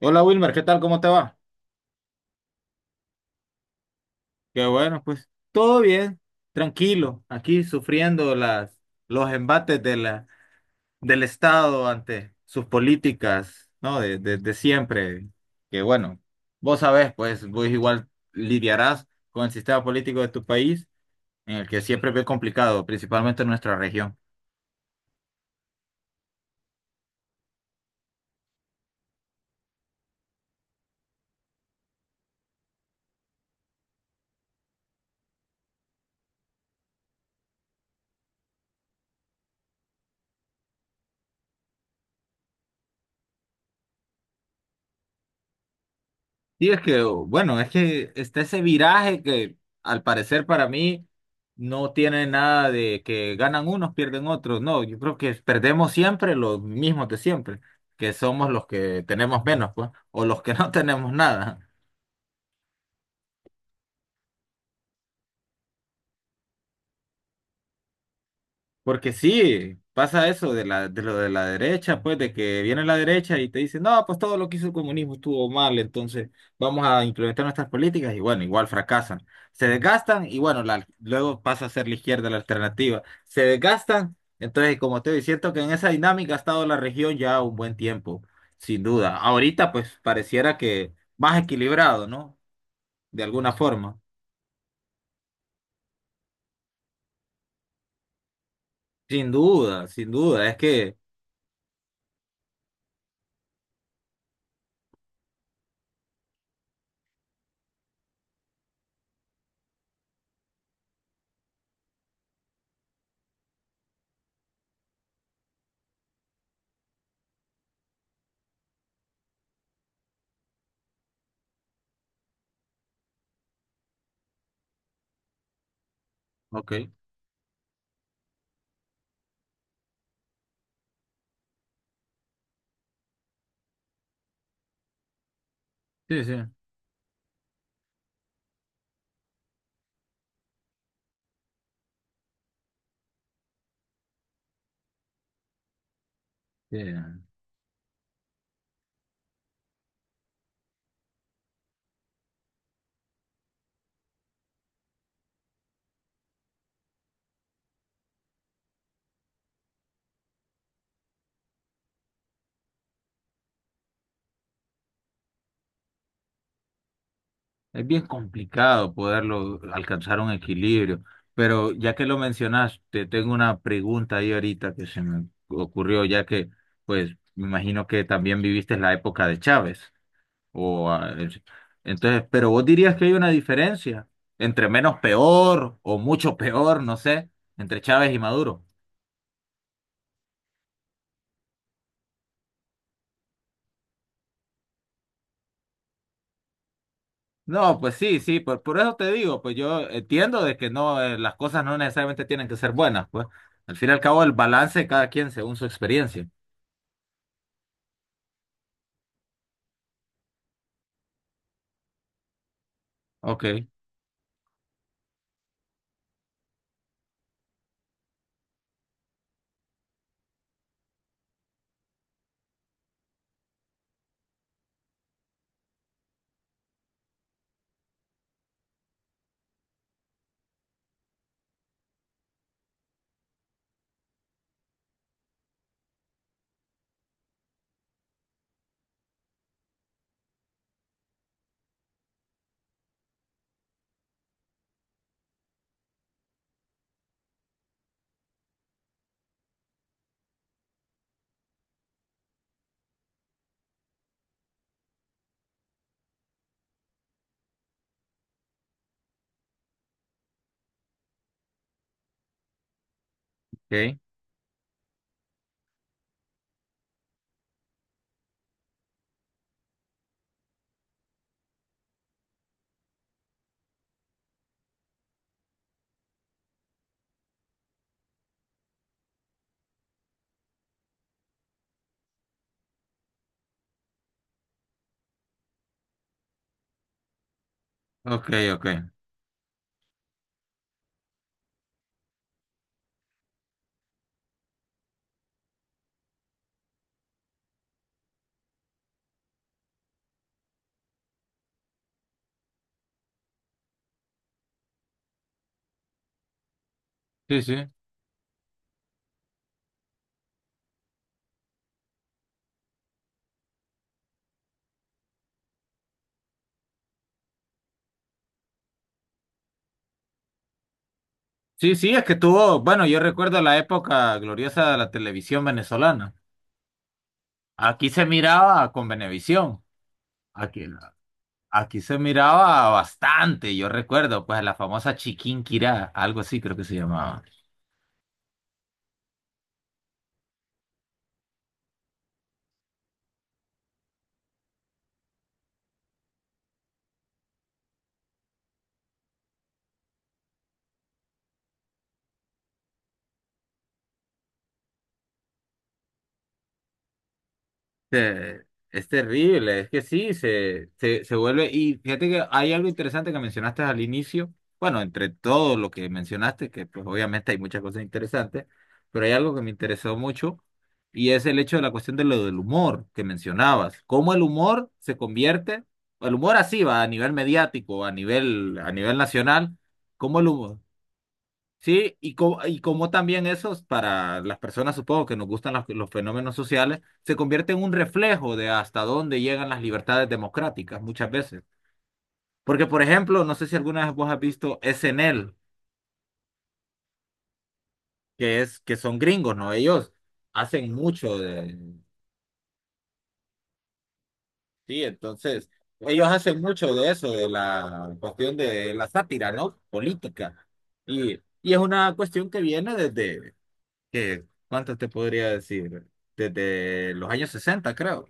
Hola Wilmer, ¿qué tal? ¿Cómo te va? Qué bueno, pues todo bien, tranquilo, aquí sufriendo los embates de del Estado ante sus políticas, ¿no? De siempre. Que bueno, vos sabés, pues vos igual lidiarás con el sistema político de tu país, en el que siempre es bien complicado, principalmente en nuestra región. Y es que, bueno, es que está ese viraje que al parecer para mí no tiene nada de que ganan unos, pierden otros. No, yo creo que perdemos siempre los mismos de siempre, que somos los que tenemos menos, pues, o los que no tenemos nada. Porque sí, pasa eso de de lo de la derecha, pues, de que viene la derecha y te dice, no, pues todo lo que hizo el comunismo estuvo mal, entonces vamos a implementar nuestras políticas y bueno, igual fracasan. Se desgastan y bueno, luego pasa a ser la izquierda la alternativa. Se desgastan, entonces como te digo, siento que en esa dinámica ha estado la región ya un buen tiempo, sin duda. Ahorita pues pareciera que más equilibrado, ¿no? De alguna forma. Sin duda, sin duda, es que... Ok, sí, sí. Sí. Es bien complicado poderlo alcanzar un equilibrio, pero ya que lo mencionas, te tengo una pregunta ahí ahorita que se me ocurrió, ya que pues me imagino que también viviste la época de Chávez o entonces, pero vos dirías que hay una diferencia entre menos peor o mucho peor, no sé, entre Chávez y Maduro. No, pues sí, sí, por eso te digo, pues yo entiendo de que no, las cosas no necesariamente tienen que ser buenas, pues al fin y al cabo el balance de cada quien según su experiencia. Ok, ok, ok, ok. Sí, sí. Sí, sí, es que tuvo, bueno, yo recuerdo la época gloriosa de la televisión venezolana. Aquí se miraba con Venevisión. Aquí, aquí se miraba bastante, yo recuerdo, pues la famosa Chiquinquirá, algo así creo que se llamaba. Eh, es terrible, es que sí, se vuelve. Y fíjate que hay algo interesante que mencionaste al inicio. Bueno, entre todo lo que mencionaste, que pues obviamente hay muchas cosas interesantes, pero hay algo que me interesó mucho y es el hecho de la cuestión de lo del humor que mencionabas. Cómo el humor se convierte, el humor así va a nivel mediático, a nivel nacional, cómo el humor, sí, y, y como también esos, para las personas supongo que nos gustan los fenómenos sociales, se convierte en un reflejo de hasta dónde llegan las libertades democráticas muchas veces. Porque, por ejemplo, no sé si alguna vez vos has visto SNL, que es, que son gringos, ¿no? Ellos hacen mucho de... Sí, entonces, ellos hacen mucho de eso, de la cuestión de la sátira, ¿no? Política. Y es una cuestión que viene desde ¿qué? ¿Cuántas te podría decir? Desde los años 60, creo.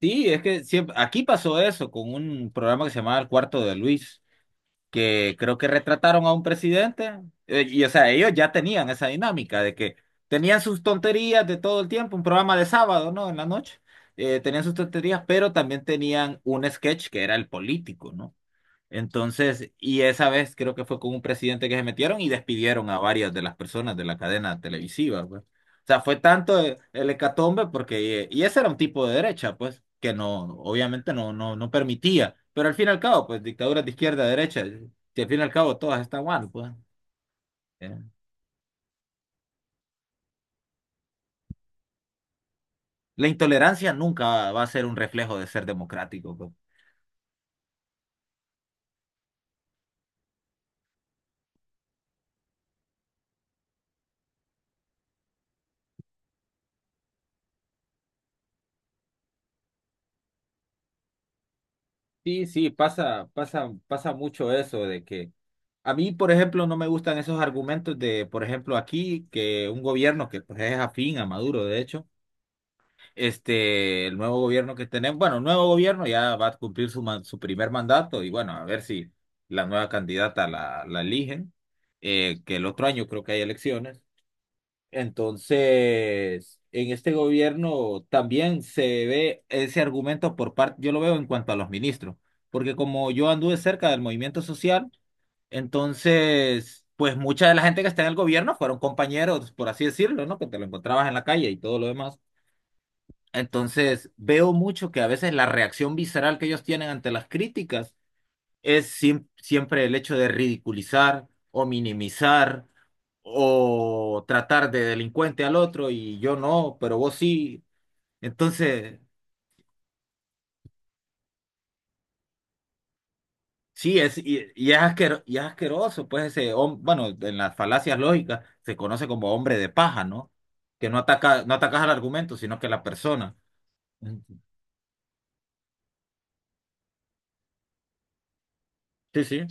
Sí, es que siempre, aquí pasó eso con un programa que se llamaba El Cuarto de Luis, que creo que retrataron a un presidente, y o sea, ellos ya tenían esa dinámica de que tenían sus tonterías de todo el tiempo, un programa de sábado, ¿no? En la noche, tenían sus tonterías, pero también tenían un sketch que era el político, ¿no? Entonces, y esa vez creo que fue con un presidente que se metieron y despidieron a varias de las personas de la cadena televisiva, pues. O sea, fue tanto el hecatombe porque, y ese era un tipo de derecha, pues, que no, obviamente no permitía. Pero al fin y al cabo, pues, dictaduras de izquierda a derecha, si al fin y al cabo todas están mal, pues. eh. La intolerancia nunca va a ser un reflejo de ser democrático, pues. Sí, sí, pasa mucho eso de que a mí, por ejemplo, no me gustan esos argumentos de, por ejemplo, aquí que un gobierno que pues, es afín a Maduro, de hecho, este, el nuevo gobierno que tenemos, bueno, el nuevo gobierno ya va a cumplir su, su primer mandato y bueno, a ver si la nueva candidata la eligen, que el otro año creo que hay elecciones. Entonces, en este gobierno también se ve ese argumento por parte, yo lo veo en cuanto a los ministros, porque como yo anduve cerca del movimiento social, entonces, pues mucha de la gente que está en el gobierno fueron compañeros, por así decirlo, ¿no? Que te lo encontrabas en la calle y todo lo demás. Entonces, veo mucho que a veces la reacción visceral que ellos tienen ante las críticas es siempre el hecho de ridiculizar o minimizar o tratar de delincuente al otro y yo no, pero vos sí. Entonces, sí, y es y es asqueroso, pues ese, bueno, en las falacias lógicas se conoce como hombre de paja, ¿no? Que no ataca, no atacas al argumento, sino que a la persona. Sí, sí,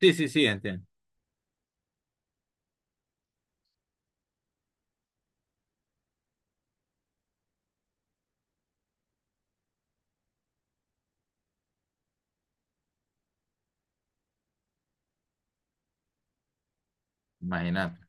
sí, sí, sí, entiendo. Imagínate.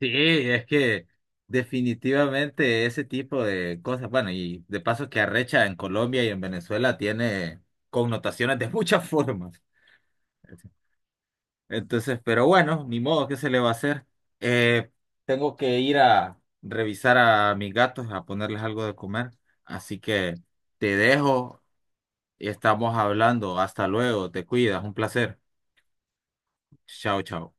Sí, es que definitivamente ese tipo de cosas, bueno, y de paso que arrecha en Colombia y en Venezuela tiene connotaciones de muchas formas. Entonces, pero bueno, ni modo, ¿qué se le va a hacer? Eh, tengo que ir a revisar a mis gatos, a ponerles algo de comer. Así que te dejo y estamos hablando. Hasta luego, te cuidas, un placer. Chao, chao.